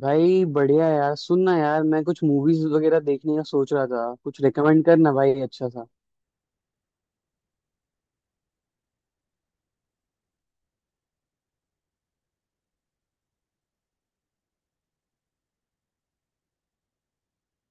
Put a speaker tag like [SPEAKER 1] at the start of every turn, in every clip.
[SPEAKER 1] भाई बढ़िया यार। सुनना यार, मैं कुछ मूवीज वगैरह देखने का सोच रहा था। कुछ रिकमेंड करना भाई अच्छा सा।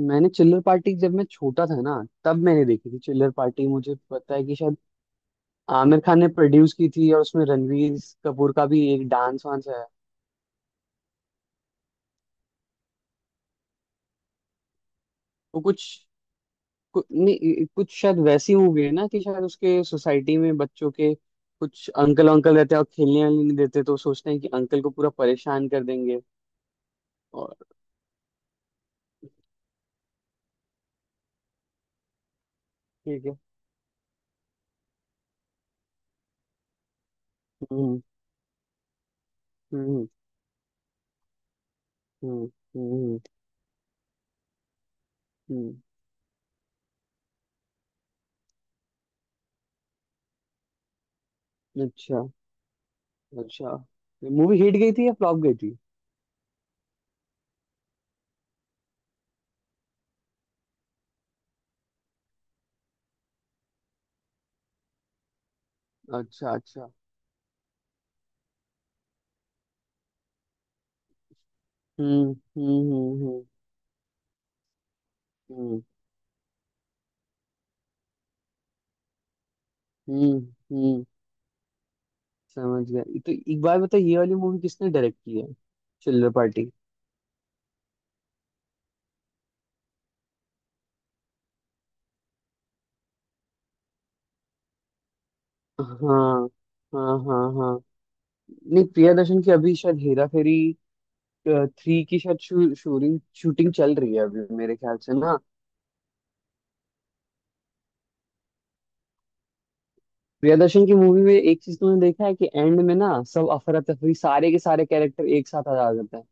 [SPEAKER 1] मैंने चिल्लर पार्टी जब मैं छोटा था ना तब मैंने देखी थी। चिल्लर पार्टी मुझे पता है कि शायद आमिर खान ने प्रोड्यूस की थी और उसमें रणवीर कपूर का भी एक डांस वांस है। वो कुछ नहीं, कुछ शायद वैसी मूवी है ना कि शायद उसके सोसाइटी में बच्चों के कुछ अंकल अंकल रहते हैं और खेलने वेलने नहीं देते, तो सोचते हैं कि अंकल को पूरा परेशान कर देंगे। और ठीक है। हम्म। हम्म। हम्म। हम्म। हम्म। हम्म। अच्छा अच्छा। मूवी हिट गई थी या फ्लॉप गई थी? अच्छा अच्छा। हम्म। हम्म। हम्म। हम्म। हम्म। हम्म, समझ गया। तो एक बार बताओ ये वाली मूवी किसने डायरेक्ट की है? चिल्लर पार्टी। हाँ हाँ हाँ। हाँ, नहीं, प्रिया दर्शन की अभी शायद हेरा फेरी 3 की शायद शू, शूटिंग शूटिंग चल रही है अभी मेरे ख्याल से ना। प्रिया दर्शन की मूवी में एक चीज तुमने देखा है कि एंड में ना सब अफरा तफरी सारे के सारे कैरेक्टर एक साथ आ जाते हैं।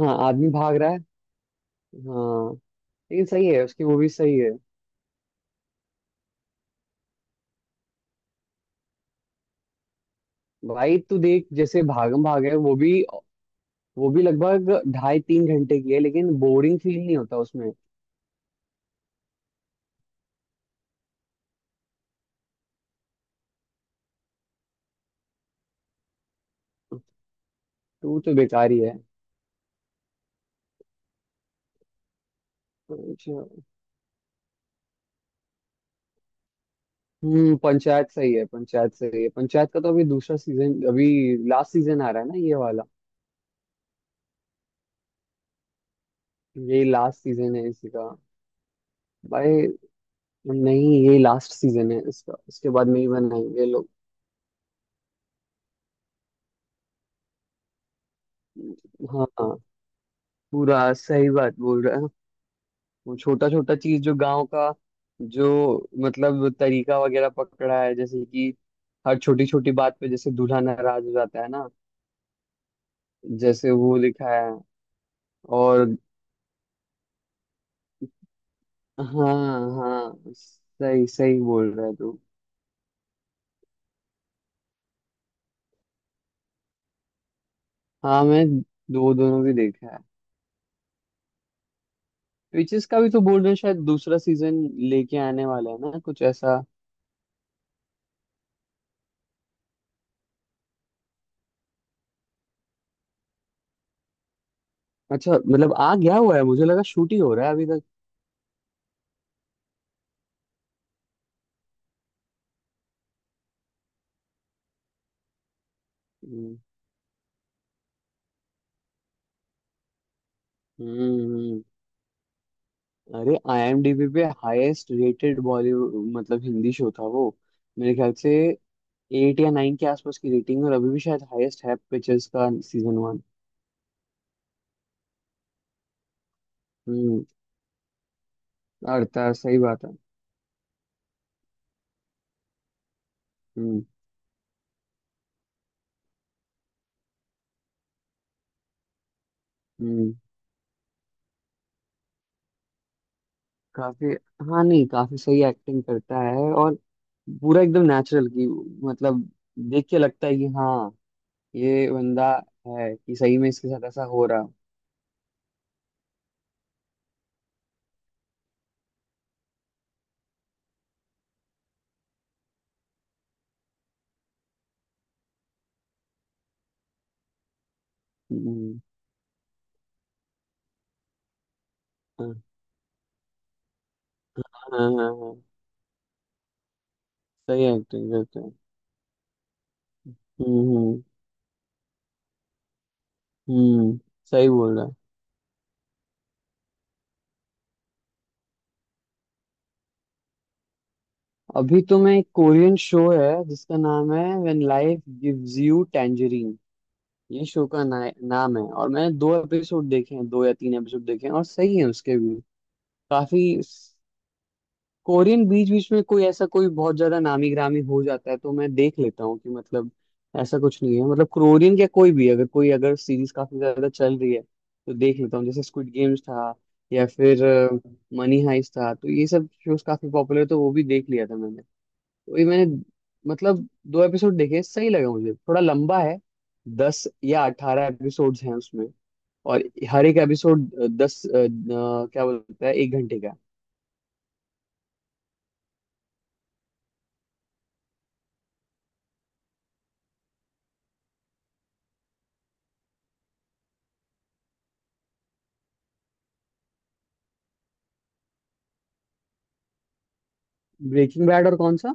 [SPEAKER 1] हाँ, आदमी भाग रहा है। हाँ। लेकिन सही है, उसकी वो भी सही है। भाई तू देख, जैसे भागम भाग है, वो भी लगभग ढाई तीन घंटे की है लेकिन बोरिंग फील नहीं होता उसमें। टू तो बेकार ही है। अच्छा। हम्म। पंचायत सही है। पंचायत सही है। पंचायत का तो अभी दूसरा सीजन, अभी लास्ट सीजन आ रहा है ना ये वाला। ये लास्ट सीजन है इसी का। भाई नहीं, ये लास्ट सीजन है इसका, इसके बाद नहीं बनाएंगे लोग। हाँ। पूरा सही बात बोल रहा है। वो छोटा छोटा चीज जो गांव का, जो मतलब तरीका वगैरह पकड़ा है, जैसे कि हर छोटी छोटी बात पे जैसे दूल्हा नाराज हो जाता है ना, जैसे वो लिखा है। और हाँ हाँ, सही सही बोल रहा है तू। हाँ मैं दो दोनों भी देखा है। विचेस का भी तो बोल रहे हैं शायद दूसरा सीजन लेके आने वाला है ना, कुछ ऐसा। अच्छा, मतलब आ गया हुआ है? मुझे लगा शूट ही हो रहा है अभी तक। हम्म। हम्म। हम्म। अरे, आईएमडीबी पे हाईएस्ट रेटेड बॉलीवुड मतलब हिंदी शो था वो मेरे ख्याल से। 8 या 9 के आसपास की रेटिंग, और अभी भी शायद हाईएस्ट है पिक्चर्स का सीजन 1। हम्म। अड़ता सही बात है। हम्म। हम्म। काफी। हाँ, नहीं, काफी सही एक्टिंग करता है। और पूरा एकदम नेचुरल की, मतलब देख के लगता है कि हाँ, ये बंदा है कि सही में इसके साथ ऐसा हो रहा। हम्म। हाँ हाँ हाँ। हाँ, सही एक्टिंग करते हैं। हम्म। हम्म। सही बोल रहा है। अभी तो मैं एक कोरियन शो है जिसका नाम है when life gives you tangerine. ये शो का ना, नाम है, और मैंने दो एपिसोड देखे हैं, दो या तीन एपिसोड देखे हैं और सही है उसके भी। काफी। कोरियन बीच बीच में कोई ऐसा कोई बहुत ज्यादा नामी गिरामी हो जाता है तो मैं देख लेता हूँ कि मतलब, ऐसा कुछ नहीं है। मतलब कोरियन क्या, कोई भी अगर कोई अगर सीरीज काफी ज्यादा चल रही है तो देख लेता हूँ, जैसे स्क्विड गेम्स था या फिर मनी हाइस्ट था। तो ये सब शोज काफी पॉपुलर, तो वो भी देख लिया था मैंने। वही मैंने, मतलब, दो एपिसोड देखे, सही लगा, मुझे थोड़ा लंबा है। 10 या 18 एपिसोड्स हैं उसमें, और हर एक एपिसोड दस क्या बोलता है, 1 घंटे का। ब्रेकिंग बैड और कौन सा?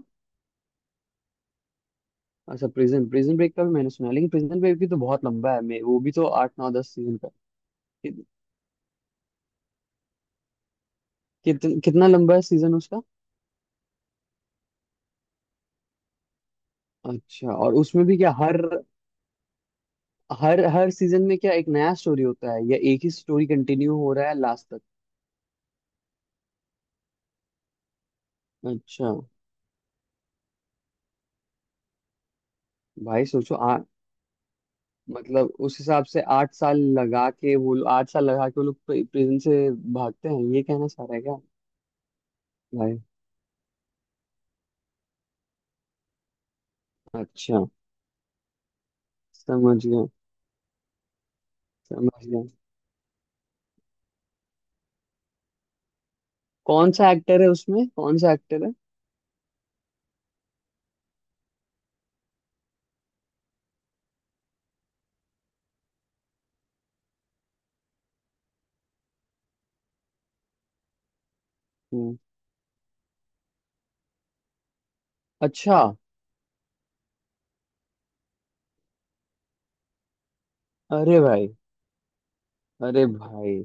[SPEAKER 1] अच्छा, प्रिजन प्रिजन ब्रेक का भी मैंने सुना है, लेकिन प्रिजन ब्रेक भी तो बहुत लंबा है मैं, वो भी तो आठ नौ दस सीजन का। कि, कितना लंबा है सीजन उसका? अच्छा, और उसमें भी क्या, हर हर हर सीजन में क्या एक नया स्टोरी होता है या एक ही स्टोरी कंटिन्यू हो रहा है लास्ट तक? अच्छा। भाई सोचो, मतलब उस हिसाब से आठ साल लगा के वो लोग प्रिजन से भागते हैं, ये कहना चाह रहा है क्या? भाई। अच्छा। समझ गया। समझ गया। कौन सा एक्टर है उसमें, कौन सा एक्टर है? हम्म। अच्छा। अरे भाई। अरे भाई।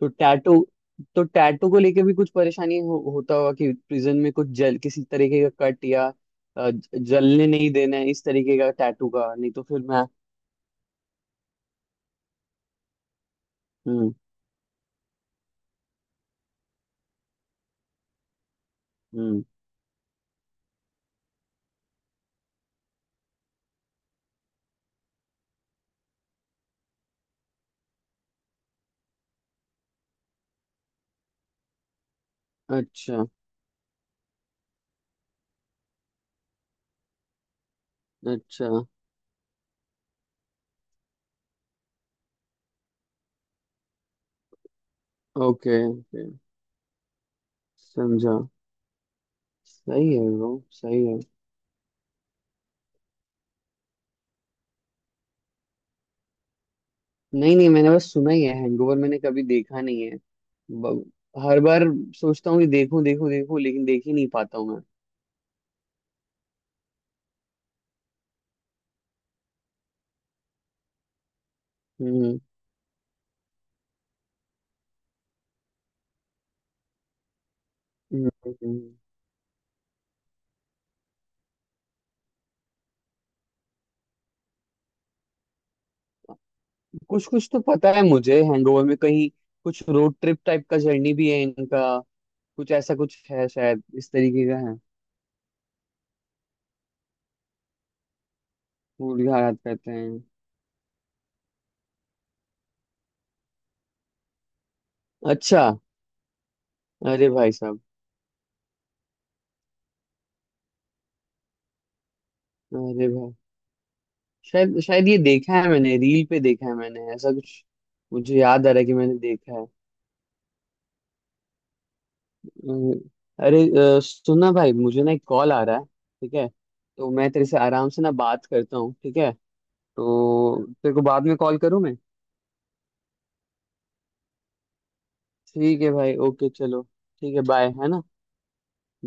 [SPEAKER 1] तो टैटू, तो टैटू को लेके भी कुछ परेशानी होता होगा कि प्रिजन में कुछ जल किसी तरीके का कट या जलने नहीं देना है इस तरीके का टैटू का, नहीं तो फिर मैं। हम्म। हम्म। अच्छा। अच्छा। ओके, समझा। सही है ब्रो, सही है। नहीं नहीं, मैंने बस सुना ही है, हैंगओवर मैंने कभी देखा नहीं है। ब- हर बार सोचता हूँ कि देखूं देखूं देखूं, लेकिन देख ही नहीं पाता हूँ मैं। हम्म। हम्म। हम्म। कुछ कुछ तो पता है मुझे, हैंगओवर में कहीं कुछ रोड ट्रिप टाइप का जर्नी भी है इनका, कुछ ऐसा कुछ है शायद इस तरीके का है। भूल गया, याद करते हैं। अच्छा। अरे भाई साहब। अरे भाई। शायद शायद ये देखा है मैंने, रील पे देखा है मैंने ऐसा कुछ, मुझे याद आ रहा है कि मैंने देखा है। हम्म। अरे, सुनना भाई, मुझे ना एक कॉल आ रहा है, ठीक है? तो मैं तेरे से आराम से ना बात करता हूँ, ठीक है? तो तेरे को बाद में कॉल करूँ मैं। ठीक है भाई, ओके, चलो। ठीक है, बाय, है ना।